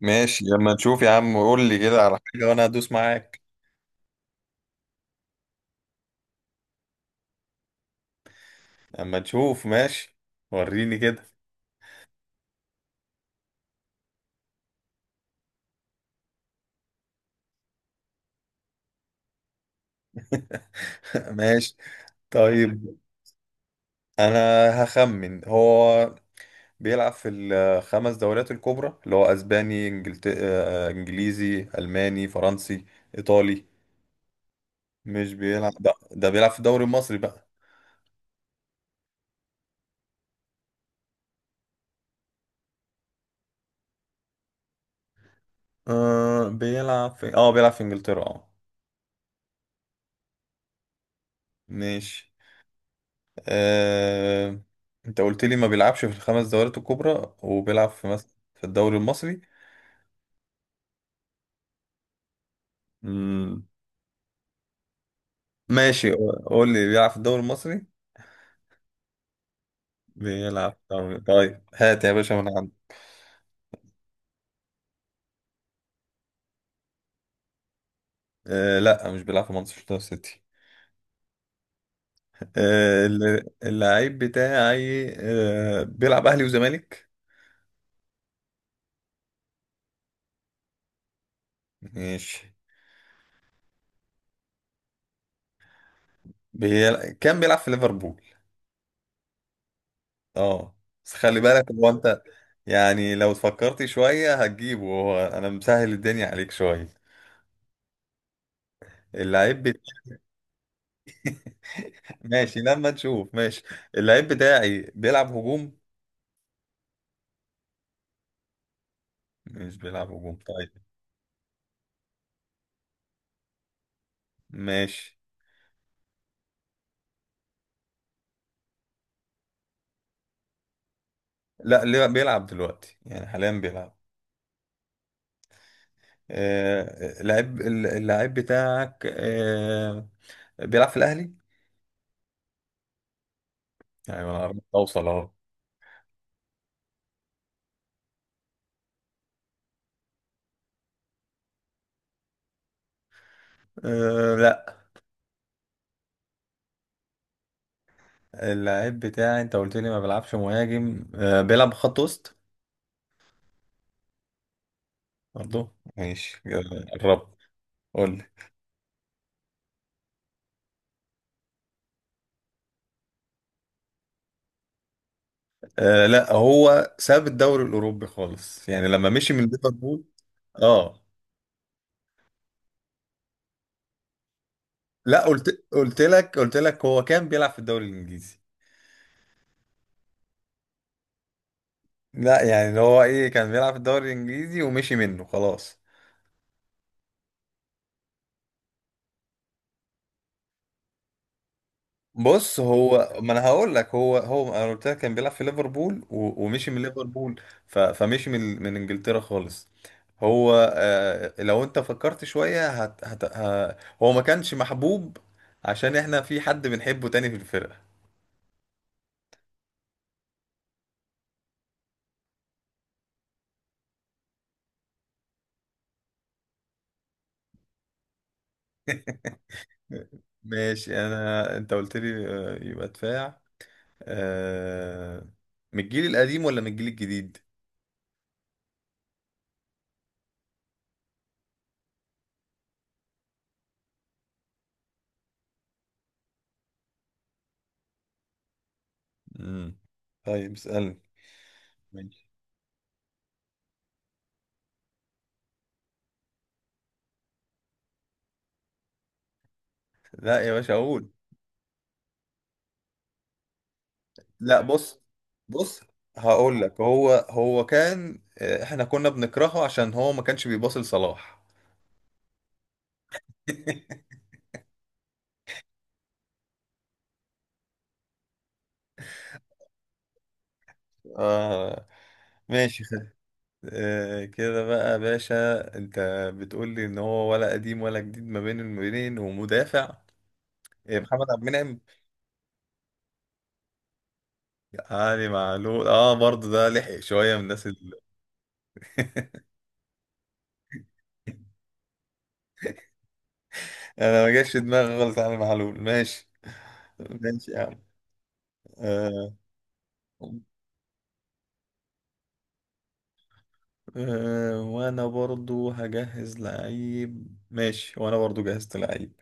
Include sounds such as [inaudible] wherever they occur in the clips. ماشي لما نشوف يا عم، قول لي كده على حاجة وانا هدوس معاك. لما نشوف ماشي. وريني كده. [laughs] ماشي، طيب انا هخمن. هو بيلعب في الخمس دوريات الكبرى، اللي هو اسباني، إنجلت... آه، انجليزي، الماني، فرنسي، ايطالي. مش بيلعب ده بيلعب في الدوري المصري بقى. أه بيلعب في بيلعب في انجلترا، اه. ماشي. آه... انت قلت لي ما بيلعبش في الخمس دوريات الكبرى وبيلعب في مثلا في الدوري المصري. مم. ماشي، قول لي بيلعب في الدوري المصري. بيلعب في الدوري، طيب هات يا باشا من عندي. لا مش بيلعب في مانشستر سيتي. اللعيب بتاعي بيلعب اهلي وزمالك. ماشي. كان بيلعب في ليفربول، اه. بس خلي بالك، هو انت يعني لو فكرت شوية هتجيبه، هو انا مسهل الدنيا عليك شوية. اللعيب. ماشي لما نشوف ماشي. اللعيب بتاعي بيلعب هجوم. مش بيلعب هجوم، طيب ماشي. لا ليه- بيلعب دلوقتي، يعني حاليا بيلعب. اللعيب بتاعك بيلعب في الاهلي، يعني انا قربت اوصل اهو. آه لا. اللعيب بتاعي انت قلت لي ما بيلعبش مهاجم، بيلعب خط وسط، برضه. ماشي. قربت. قول لي. لا، هو ساب الدوري الاوروبي خالص يعني لما مشي من ليفربول، اه. لا، قلت لك هو كان بيلعب في الدوري الانجليزي. لا يعني اللي هو ايه، كان بيلعب في الدوري الانجليزي ومشي منه خلاص. بص، هو ما انا هقول لك، هو انا قلت لك كان بيلعب في ليفربول ومشي من ليفربول. فمشي من انجلترا خالص. هو، لو انت فكرت شوية هو ما كانش محبوب، عشان احنا في حد بنحبه تاني في الفرقة. [laughs] ماشي. انا انت قلت لي يبقى دفاع. آه... من الجيل القديم ولا من الجيل الجديد؟ امم طيب اسألني. ماشي. لا يا باشا اقول. لا بص. بص هقول لك، هو كان، احنا كنا بنكرهه عشان هو ما كانش بيباصي لصلاح. [laughs] آه، ماشي، خد. آه كده بقى يا باشا، انت بتقول لي ان هو ولا قديم ولا جديد، ما بين المبينين، ومدافع. محمد عبد المنعم؟ يعني معلول، اه برضه، ده لحق شويه من الناس. انا ما جاش في دماغي خالص علي معلول، ماشي. ماشي يا عم. آه. وانا برضو هجهز لعيب، ماشي، وانا برضو جهزت لعيب.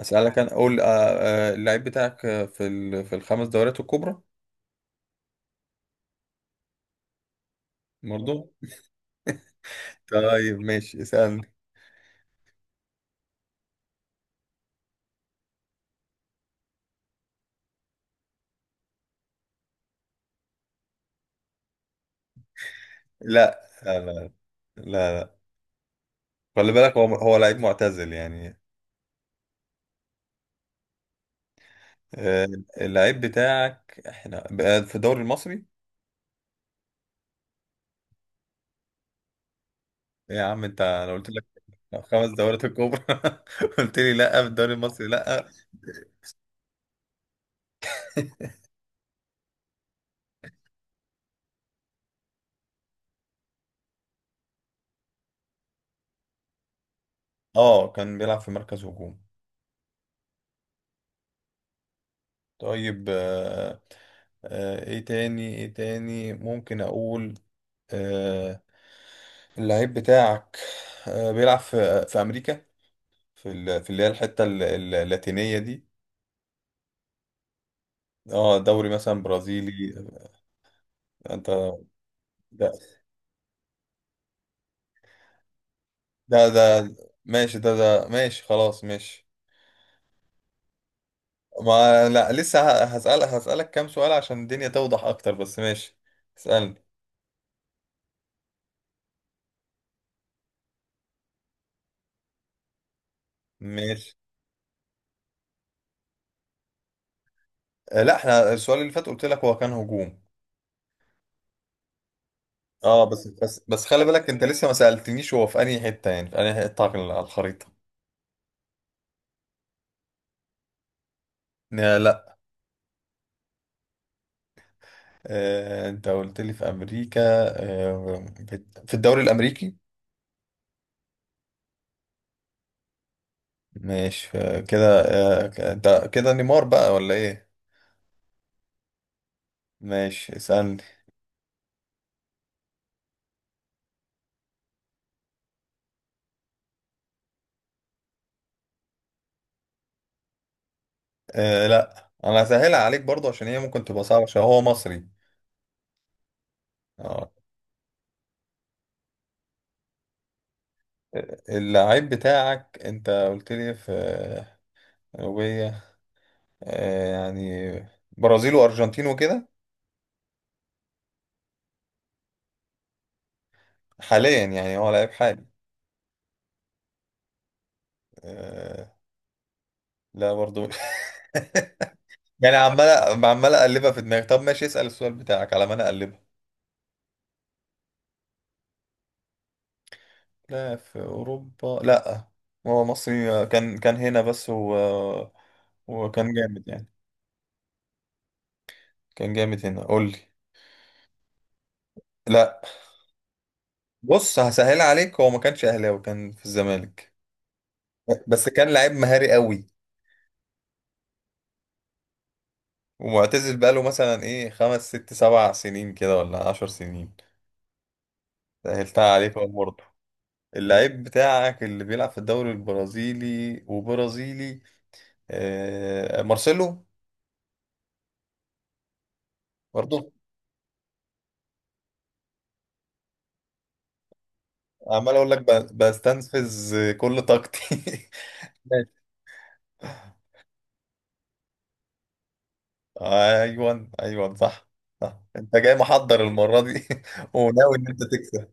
اسالك، انا اقول. اللعيب بتاعك في في الخمس دوريات الكبرى، برضو؟ طيب ماشي اسالني. لا، لا، لا، خلي بالك، هو لعيب معتزل يعني. آه. اللعيب بتاعك احنا بقى في الدوري المصري؟ ايه يا عم انت، انا قلت لك خمس دورات الكبرى. [laughs] قلت لي لا في الدوري المصري، لا. اه كان بيلعب في مركز هجوم، طيب. آه آه، ايه تاني، ايه تاني ممكن اقول. آه، اللعيب بتاعك بيلعب في امريكا، في اللي هي الحتة اللاتينية دي. اه دوري مثلا برازيلي. انت. ده، ده ماشي، ده ماشي خلاص ماشي. ما لا، لسه هسألك كام سؤال عشان الدنيا توضح اكتر، بس ماشي. اسألني. ماشي. لا، احنا السؤال اللي فات قلت لك هو كان هجوم. اه بس بس بس خلي بالك، انت لسه ما سألتنيش، هو في انهي حتة، يعني في انهي حتة على الخريطة. لا لا. آه، انت قلت لي في امريكا. في الدوري الامريكي. ماشي كده، آه انت كده نيمار بقى ولا ايه؟ ماشي اسألني. آه لا، انا هسهلها عليك برضو عشان هي ممكن تبقى صعبة، عشان هو مصري. اه. اللعيب بتاعك انت قلت لي في جنوبية، يعني برازيل وارجنتين وكده. حاليا يعني هو لعيب حالي؟ آه، لا، برضو. [laughs] يعني عمال عمال اقلبها في دماغي، طب ماشي اسأل السؤال بتاعك على ما انا اقلبها. لا في اوروبا، لا. هو مصري، كان هنا بس وكان جامد يعني. كان جامد هنا، قول لي. لا بص، هسهل عليك، هو ما كانش اهلاوي، كان في الزمالك بس كان لعيب مهاري قوي. ومعتزل بقاله مثلا ايه 5 6 7 سنين كده ولا 10 سنين. سهلتها عليك أهو برضه. اللعيب بتاعك اللي بيلعب في الدوري البرازيلي وبرازيلي، آه مارسيلو. برضه. عمال اقول لك بستنفذ كل طاقتي. [laughs] ماشي. ايوه ايوه، صح. صح، انت جاي محضر المرة دي. [laughs] وناوي ان انت تكسب.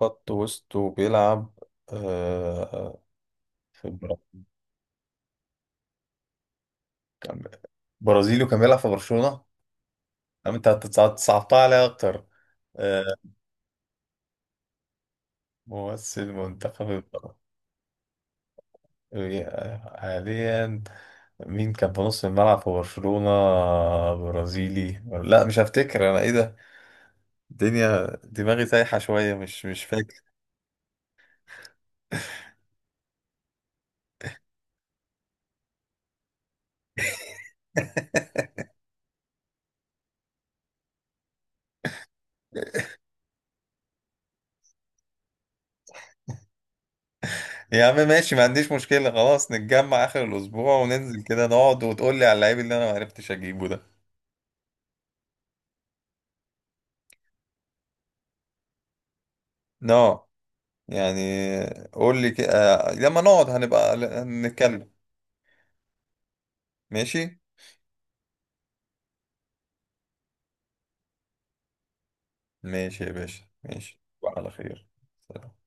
خط وسط وبيلعب، آه، في كان- برازيلي وكان بيلعب في برشلونة. انت صعبتها عليا اكتر. آه، ممثل منتخب حاليا، مين كان في نص الملعب في برشلونة، برازيلي؟ لا، مش هفتكر انا ايه ده، الدنيا دماغي سايحة شوية، مش فاكر. يا عم ماشي، ما عنديش مشكلة، خلاص نتجمع آخر الأسبوع وننزل كده نقعد وتقول لي على اللعيب اللي أنا ما عرفتش أجيبه ده. نو يعني، قول لي كده لما نقعد هنبقى نتكلم. ماشي، ماشي يا باشا، ماشي. على خير. سلام.